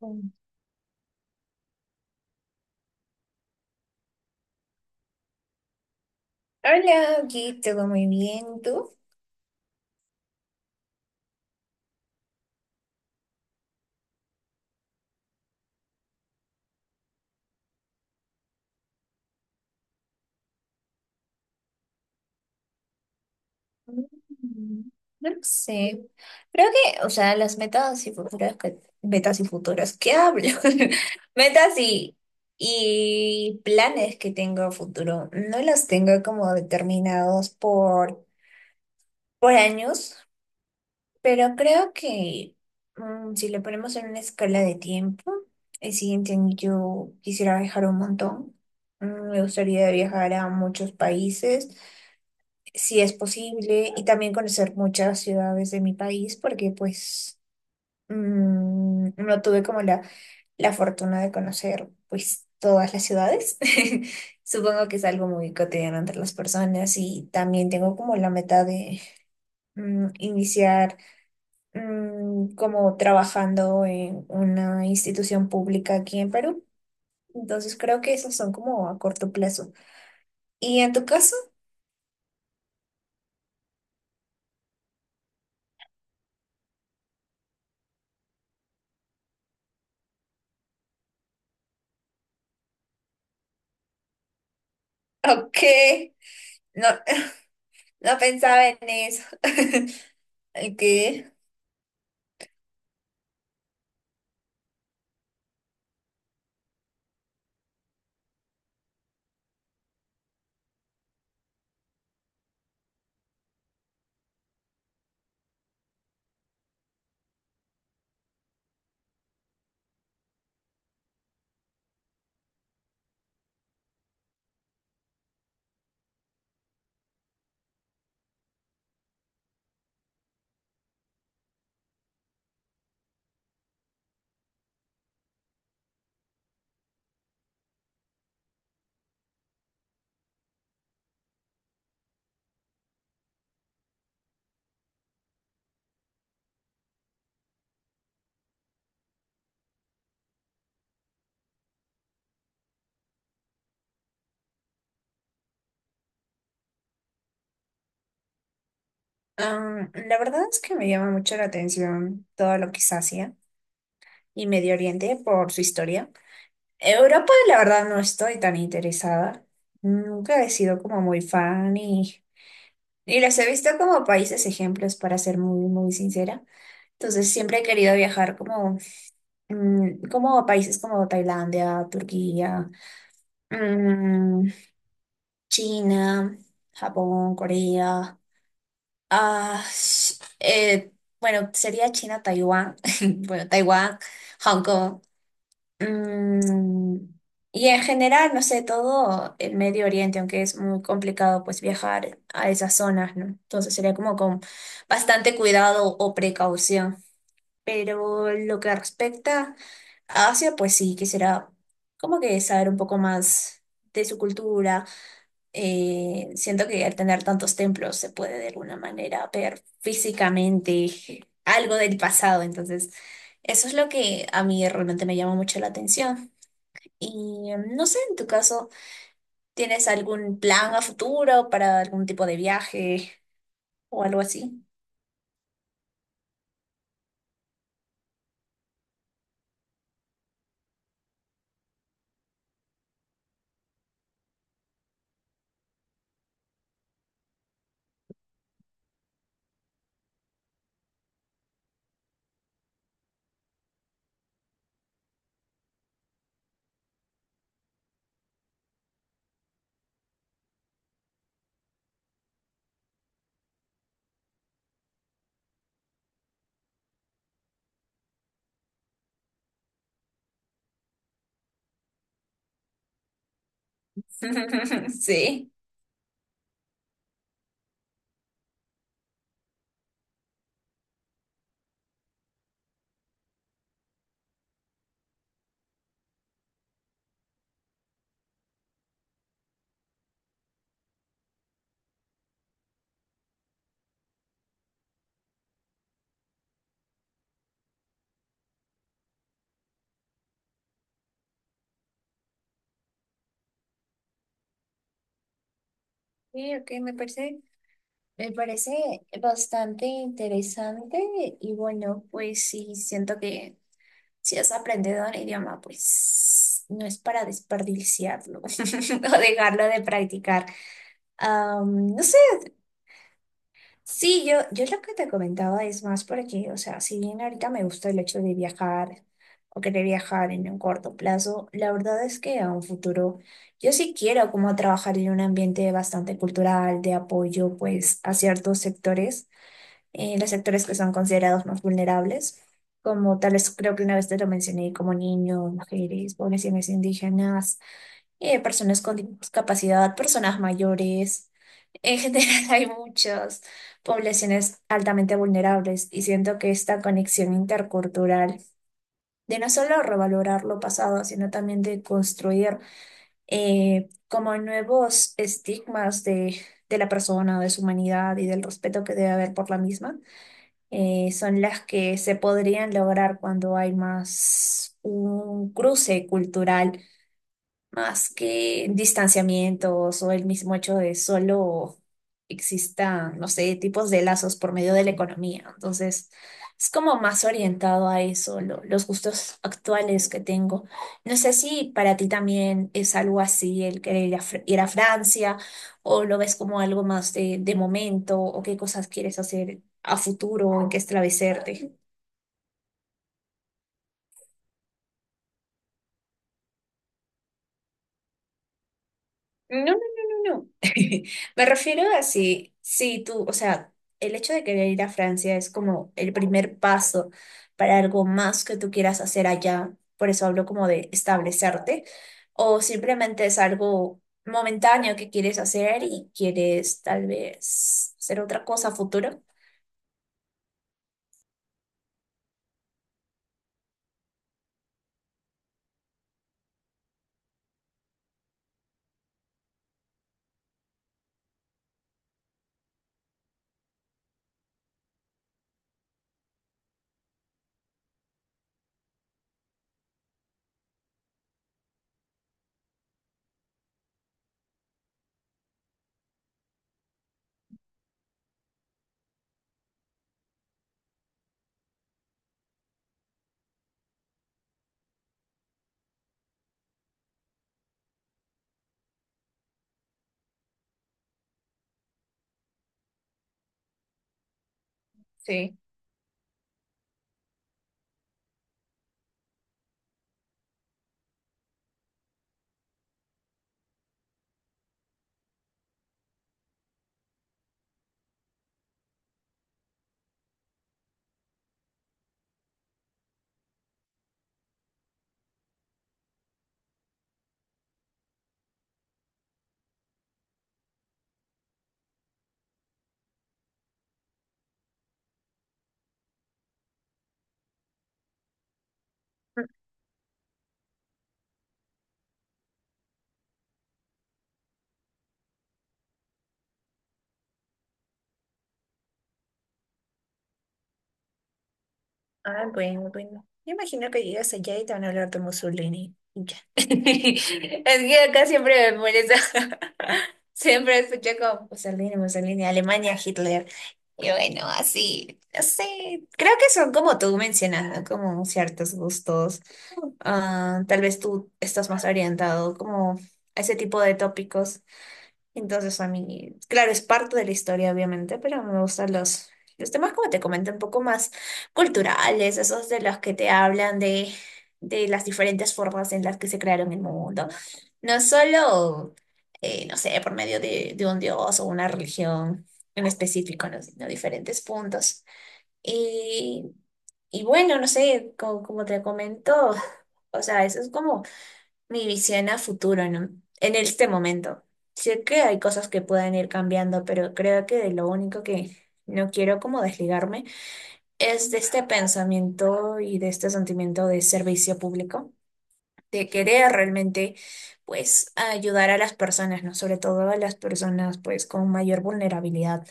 Mm. Hola, aquí todo muy bien, ¿y tú? Mm, No lo sé. Creo que, o sea, las metas y futuras, metas y futuras, ¿qué hablo? Metas y planes que tengo a futuro, no los tengo como determinados por años, pero creo que si le ponemos en una escala de tiempo, el siguiente año yo quisiera viajar un montón. Me gustaría viajar a muchos países, si es posible, y también conocer muchas ciudades de mi país, porque pues no tuve como la fortuna de conocer pues todas las ciudades. Supongo que es algo muy cotidiano entre las personas y también tengo como la meta de iniciar como trabajando en una institución pública aquí en Perú. Entonces creo que esos son como a corto plazo. ¿Y en tu caso? Ok. No, no pensaba en eso. ¿El qué? La verdad es que me llama mucho la atención todo lo que es Asia y Medio Oriente por su historia. Europa, la verdad, no estoy tan interesada. Nunca he sido como muy fan y las he visto como países ejemplos, para ser muy, muy sincera. Entonces, siempre he querido viajar como como a países como Tailandia, Turquía, mm, China, Japón, Corea. Ah, bueno, sería China, Taiwán, bueno, Taiwán, Hong Kong. Mm, y en general, no sé, todo el Medio Oriente, aunque es muy complicado pues viajar a esas zonas, ¿no? Entonces sería como con bastante cuidado o precaución. Pero lo que respecta a Asia, pues sí, quisiera como que saber un poco más de su cultura. Siento que al tener tantos templos se puede de alguna manera ver físicamente algo del pasado, entonces eso es lo que a mí realmente me llama mucho la atención. Y no sé, en tu caso, ¿tienes algún plan a futuro para algún tipo de viaje o algo así? Sí. Sí, ok, me parece bastante interesante y bueno, pues sí, siento que... Si has aprendido un idioma, pues no es para desperdiciarlo o dejarlo de practicar. No sé, sí, yo lo que te comentaba es más porque, o sea, si bien ahorita me gusta el hecho de viajar o querer viajar en un corto plazo, la verdad es que a un futuro yo sí quiero como trabajar en un ambiente bastante cultural, de apoyo pues a ciertos sectores, que son considerados más vulnerables, como tal vez creo que una vez te lo mencioné, como niños, mujeres, poblaciones indígenas, personas con discapacidad, personas mayores. En general hay muchas poblaciones altamente vulnerables y siento que esta conexión intercultural de no solo revalorar lo pasado, sino también de construir como nuevos estigmas de la persona, de su humanidad y del respeto que debe haber por la misma son las que se podrían lograr cuando hay más un cruce cultural, más que distanciamientos o el mismo hecho de solo existan, no sé, tipos de lazos por medio de la economía. Entonces, es como más orientado a eso, los gustos actuales que tengo. No sé si para ti también es algo así el querer ir a Francia, o lo ves como algo más de momento, o qué cosas quieres hacer a futuro, en qué establecerte. No, no, no, no, no. Me refiero a si tú, o sea, el hecho de querer ir a Francia es como el primer paso para algo más que tú quieras hacer allá. Por eso hablo como de establecerte. O simplemente es algo momentáneo que quieres hacer y quieres tal vez hacer otra cosa a futuro. Sí. Ah, bueno, bueno. Yo imagino que llegas allá y te van a hablar de Mussolini. Y ya. Es que acá siempre me molesta. Siempre escucho como Mussolini, Mussolini, Alemania, Hitler. Y bueno, así, no sé. Creo que son como tú mencionas, ¿no? Como ciertos gustos. Ah, tal vez tú estás más orientado como a ese tipo de tópicos. Entonces a mí, claro, es parte de la historia, obviamente, pero me gustan los temas, como te comenté, un poco más culturales, esos de los que te hablan de las diferentes formas en las que se crearon el mundo. No solo, no sé, por medio de un dios o una religión en específico, ¿no? Sino diferentes puntos. Y, y bueno, no sé, como te comento, o sea, eso es como mi visión a futuro, ¿no? En este momento. Sé que hay cosas que pueden ir cambiando, pero creo que de lo único que no quiero como desligarme es de este pensamiento y de este sentimiento de servicio público, de querer realmente, pues, ayudar a las personas, ¿no? Sobre todo a las personas, pues, con mayor vulnerabilidad.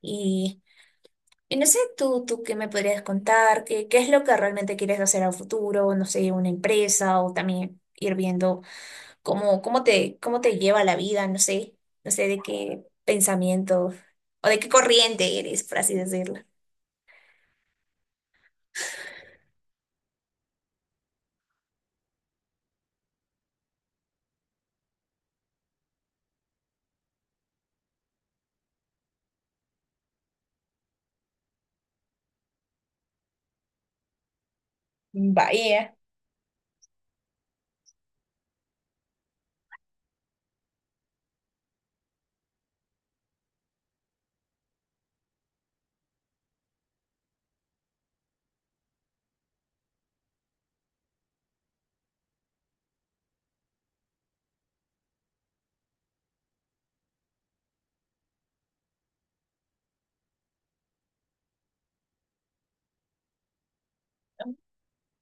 Y, y no sé, tú qué me podrías contar, qué es lo que realmente quieres hacer a futuro, no sé, una empresa o también ir viendo cómo te lleva la vida, no sé de qué pensamiento o de qué corriente eres, por así decirlo. Vaya,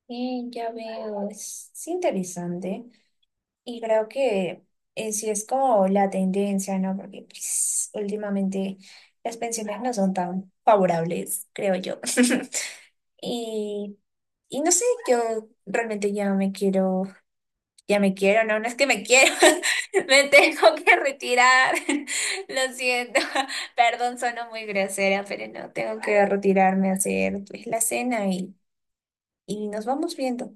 ya veo, es interesante y creo que sí es como la tendencia, ¿no? Porque pues, últimamente las pensiones no son tan favorables, creo yo. Y, y no sé, yo realmente ya me quiero, no, no es que me quiero, me tengo que retirar. Lo siento, perdón, sono muy grosera, pero no, tengo que retirarme a hacer pues la cena y nos vamos viendo.